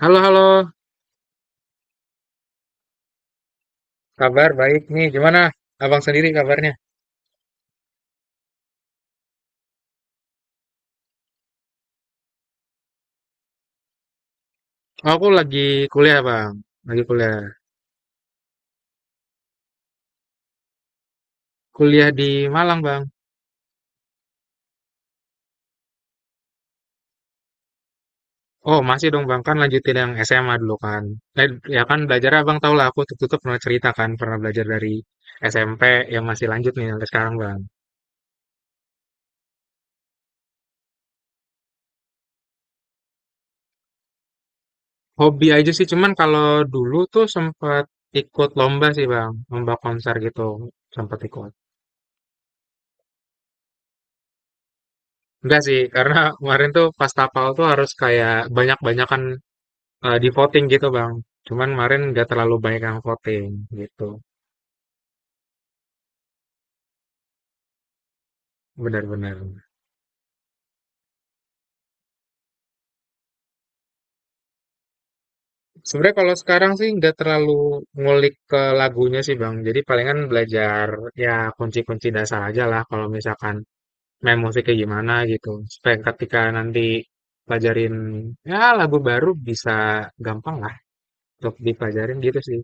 Halo, halo. Kabar baik nih, gimana abang sendiri kabarnya? Oh, aku lagi kuliah, Bang. Lagi kuliah. Kuliah di Malang, Bang. Oh, masih dong, Bang. Kan lanjutin yang SMA dulu kan. Eh, ya kan belajar Abang tau lah, aku tutup-tutup pernah cerita kan, pernah belajar dari SMP yang masih lanjut nih sampai sekarang, Bang. Hobi aja sih, cuman kalau dulu tuh sempat ikut lomba sih, Bang. Lomba konser gitu, sempat ikut. Enggak sih, karena kemarin tuh pas tapal tuh harus kayak banyak-banyakan, di voting gitu, Bang. Cuman kemarin nggak terlalu banyak yang voting gitu. Benar-benar. Sebenarnya kalau sekarang sih nggak terlalu ngulik ke lagunya sih, Bang. Jadi palingan belajar ya kunci-kunci dasar aja lah kalau misalkan main musiknya gimana gitu. Supaya ketika nanti pelajarin ya lagu baru bisa gampang lah untuk dipelajarin gitu sih.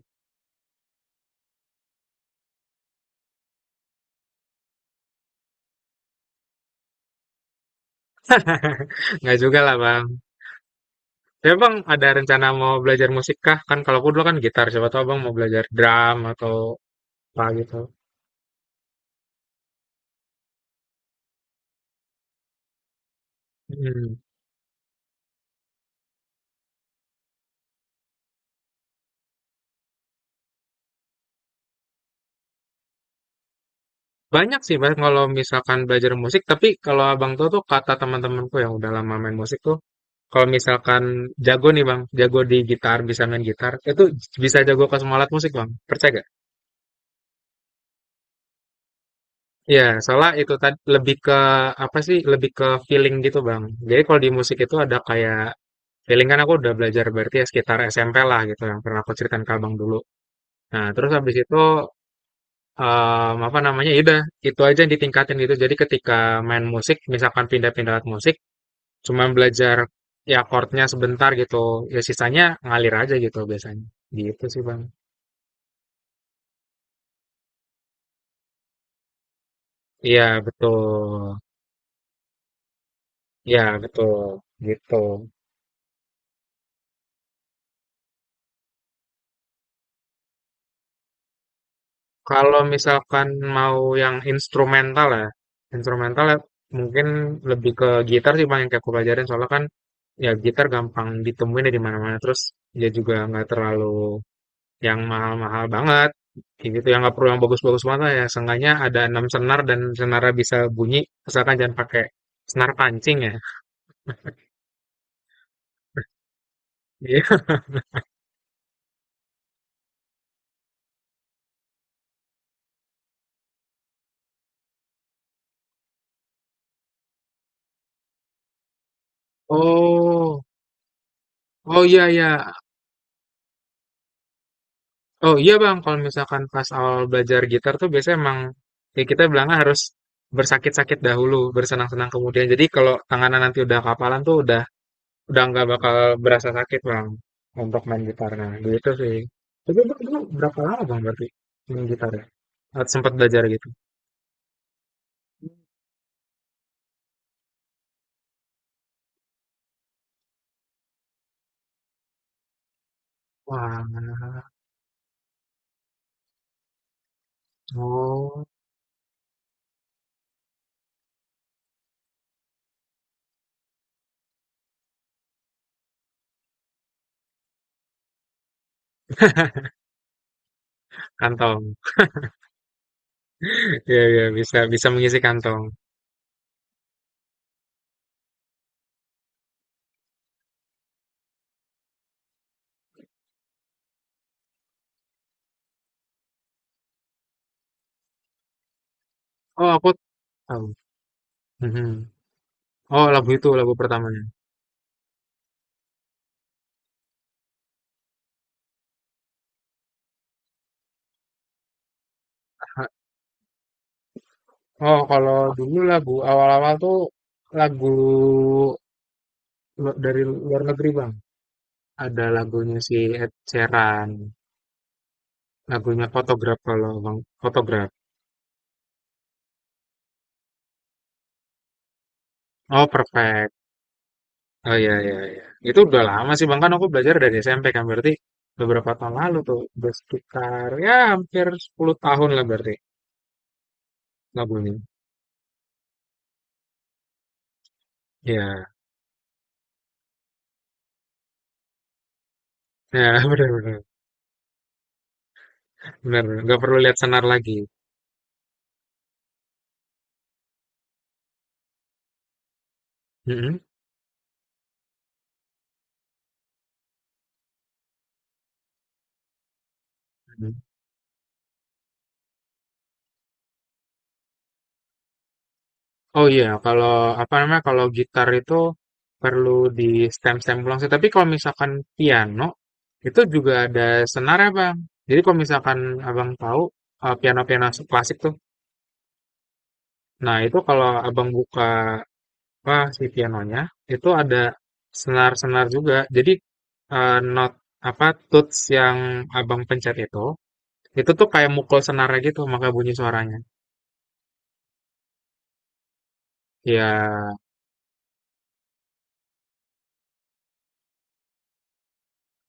Nggak juga lah, Bang. Tapi Bang, ada rencana mau belajar musik kah? Kan kalau aku dulu kan gitar, siapa tahu Bang mau belajar drum atau apa gitu. Mhm. Banyak sih, Mas, kalau misalkan belajar musik, tapi kalau Abang tuh tuh kata teman-temanku yang udah lama main musik tuh, kalau misalkan jago nih Bang, jago di gitar, bisa main gitar, itu bisa jago ke semua alat musik Bang, percaya gak? Iya, soalnya itu tadi lebih ke apa sih? Lebih ke feeling gitu, Bang. Jadi kalau di musik itu ada kayak feeling, kan aku udah belajar berarti ya sekitar SMP lah gitu yang pernah aku ceritain ke Abang dulu. Nah, terus habis itu, apa namanya, ya udah itu aja yang ditingkatin gitu. Jadi ketika main musik, misalkan pindah-pindah alat musik, cuman belajar ya chordnya sebentar gitu, ya sisanya ngalir aja gitu biasanya. Gitu sih, Bang. Iya, betul. Iya, betul, gitu. Kalau misalkan mau yang instrumental ya mungkin lebih ke gitar sih, Bang, yang kayak aku pelajarin, soalnya kan ya gitar gampang ditemuin ya di mana-mana, terus ya juga nggak terlalu yang mahal-mahal banget, kayak gitu yang nggak perlu yang bagus-bagus banget, ya seenggaknya ada enam senar dan senarnya bisa bunyi, asalkan jangan pakai senar pancing ya. Iya. Oh, oh iya iya, oh iya Bang, kalau misalkan pas awal belajar gitar tuh biasanya emang ya kita bilangnya harus bersakit-sakit dahulu bersenang-senang kemudian. Jadi kalau tangannya nanti udah kapalan tuh udah nggak bakal berasa sakit Bang untuk main gitarnya gitu sih. Tapi Bang, dulu berapa lama Bang berarti main gitar ya, sempat belajar gitu. Wah, oh, kantong. Iya, iya, bisa bisa mengisi kantong. Oh, aku tahu. Mhm. Oh, lagu itu lagu pertamanya. Ha- Oh, kalau dulu lagu awal-awal tuh lagu, dari luar negeri, Bang. Ada lagunya si Ed Sheeran, lagunya Photograph kalau Bang, Photograph. Oh, Perfect. Oh iya iya iya. Itu udah lama sih, Bang. Kan aku belajar dari SMP kan berarti beberapa tahun lalu tuh, udah sekitar ya hampir 10 tahun lah berarti lagunya. Iya. Ya, benar-benar, benar-benar. Nggak perlu lihat senar lagi. Mm-mm. Mm. Oh iya, kalau apa namanya, kalau gitar itu perlu di stem-stem ulang sih. Tapi kalau misalkan piano itu juga ada senar ya, Bang. Jadi kalau misalkan Abang tahu, eh, piano-piano klasik tuh. Nah, itu kalau Abang buka apa si pianonya itu ada senar-senar juga. Jadi, eh, not apa tuts yang Abang pencet itu tuh kayak mukul senarnya gitu maka bunyi suaranya. Ya,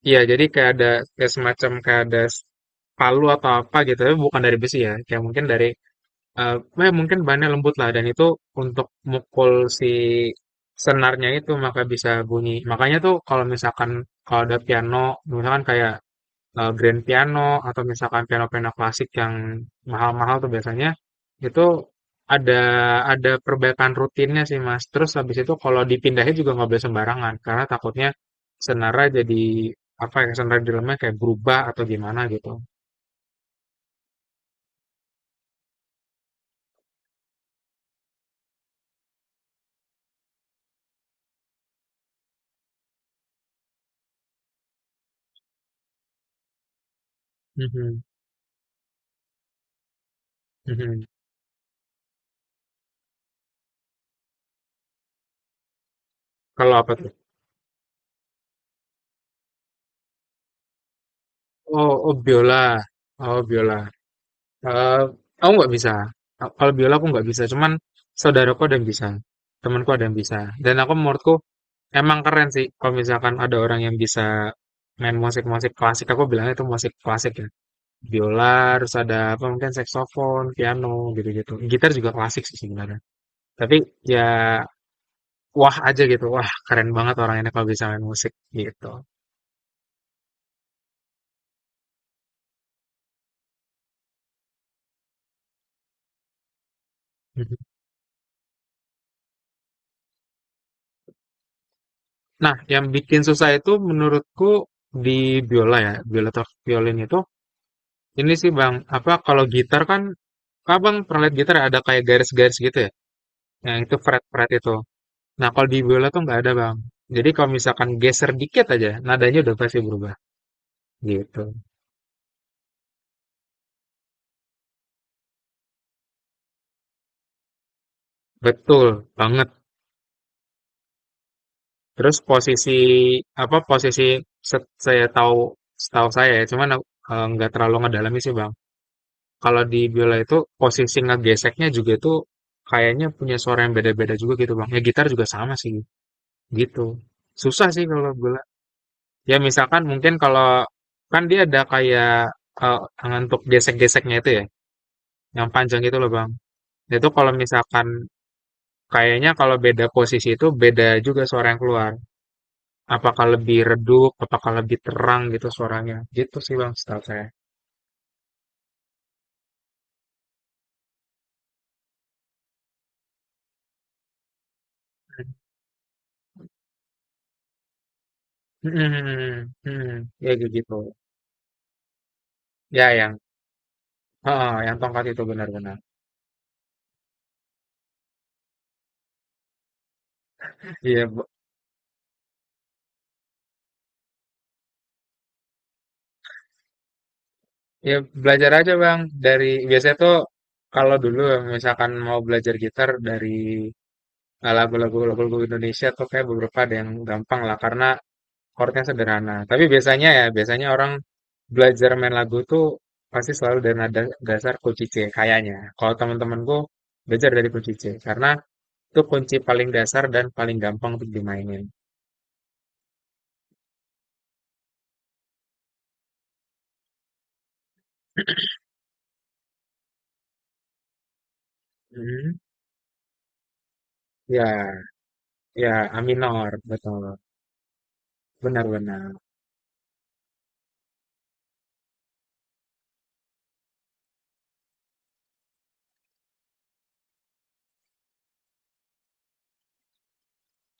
iya, jadi kayak ada kayak semacam kayak ada palu atau apa gitu, tapi bukan dari besi ya. Kayak mungkin dari, eh mungkin bahannya lembut lah, dan itu untuk mukul si senarnya itu maka bisa bunyi. Makanya tuh kalau misalkan kalau ada piano, misalkan kayak, eh, grand piano atau misalkan piano-piano klasik yang mahal-mahal tuh biasanya itu ada ada perbaikan rutinnya sih, Mas. Terus habis itu kalau dipindahin juga nggak boleh sembarangan karena takutnya senara jadi apa ya, senara di dalamnya kayak berubah atau gimana gitu. Mhm, mhm. Kalau apa tuh? Oh, oh biola, oh biola. Eh, aku nggak bisa. Kalau biola aku nggak bisa, cuman saudaraku ada yang bisa, temanku ada yang bisa. Dan aku, menurutku emang keren sih kalau misalkan ada orang yang bisa main musik-musik klasik. Aku bilangnya itu musik klasik ya. Biola, terus ada apa mungkin saksofon, piano gitu-gitu. Gitar juga klasik sih sebenarnya. Tapi ya wah aja gitu. Wah, keren banget orang ini kalau bisa main musik gitu. Mhm. Nah, yang bikin susah itu menurutku di biola ya, biola atau violin itu ini sih, Bang, apa, kalau gitar kan Abang pernah lihat gitar ya, ada kayak garis-garis gitu ya? Yang itu fret-fret itu. Nah, kalau di biola tuh nggak ada, Bang. Jadi kalau misalkan geser dikit aja, nadanya udah pasti berubah gitu. Betul banget. Terus posisi apa, posisi saya tahu, setahu saya ya, cuman aku, eh, nggak terlalu ngedalami sih, Bang. Kalau di biola itu posisi ngegeseknya juga itu kayaknya punya suara yang beda-beda juga gitu, Bang. Ya gitar juga sama sih gitu. Susah sih kalau biola. Ya misalkan mungkin kalau, kan dia ada kayak, eh, tangan untuk gesek-geseknya itu ya, yang panjang itu loh, Bang. Itu kalau misalkan kayaknya kalau beda posisi itu beda juga suara yang keluar. Apakah lebih redup, apakah lebih terang gitu suaranya. Gitu sih Bang, setahu saya. Hmm, hmm, hmm, hmm. Ya kayak gitu. Ya yang, heeh, yang tongkat itu benar-benar. Iya, Bu. Ya belajar aja Bang. Dari biasanya tuh kalau dulu misalkan mau belajar gitar dari, eh, lagu-lagu Indonesia tuh kayak beberapa ada yang gampang lah, karena chordnya sederhana. Tapi biasanya ya, biasanya orang belajar main lagu tuh pasti selalu dari nada dasar kunci C, kayaknya. Kalau teman-temanku belajar dari kunci C, karena itu kunci paling dasar dan paling gampang untuk dimainin. Hmm, ya, ya, A minor, betul. Benar-benar.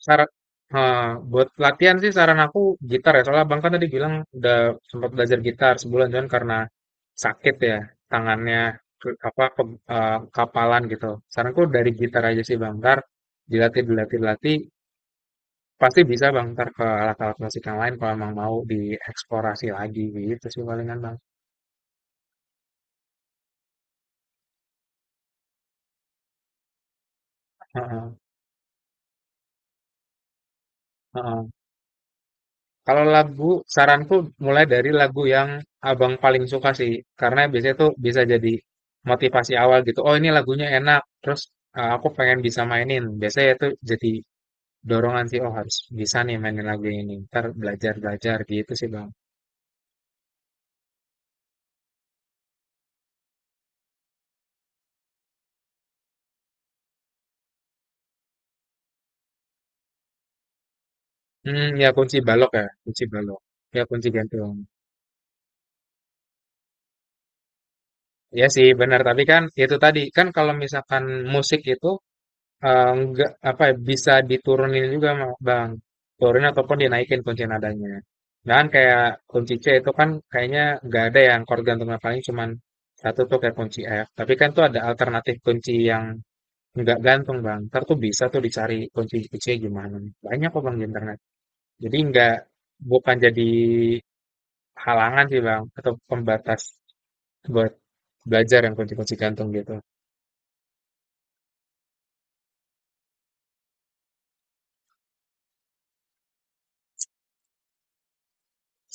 Saran, buat latihan sih saran aku gitar ya, soalnya Abang kan tadi bilang udah sempat belajar gitar sebulan, cuman karena sakit ya tangannya, ke apa, kapalan gitu. Saranku dari gitar aja sih, Bang, entar dilatih dilatih dilatih, pasti bisa Bang entar ke alat-alat musik yang lain kalau emang mau dieksplorasi lagi, gitu sih palingan Bang. Heeh, heeh. Kalau lagu, saranku mulai dari lagu yang Abang paling suka sih, karena biasanya tuh bisa jadi motivasi awal gitu. Oh, ini lagunya enak, terus, aku pengen bisa mainin. Biasanya itu jadi dorongan sih, oh harus bisa nih mainin lagu ini. Ntar belajar-belajar gitu sih, Bang. Hmm, ya kunci balok ya, kunci balok. Ya kunci gantung. Ya sih benar, tapi kan itu tadi kan kalau misalkan musik itu, eh, enggak apa ya, bisa diturunin juga, Bang turunin ataupun dinaikin kunci nadanya, dan kayak kunci C itu kan kayaknya nggak ada yang chord gantungnya, paling cuman satu tuh kayak kunci F, tapi kan tuh ada alternatif kunci yang nggak gantung Bang, ntar tuh bisa tuh dicari kunci C gimana, banyak kok Bang di internet, jadi nggak, bukan jadi halangan sih Bang, atau pembatas buat belajar yang kunci-kunci gantung gitu.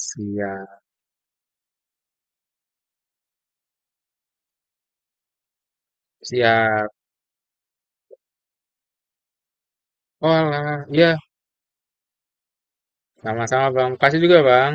Siap, siap. Oh lah ya. Sama-sama, Bang. Kasih juga, Bang.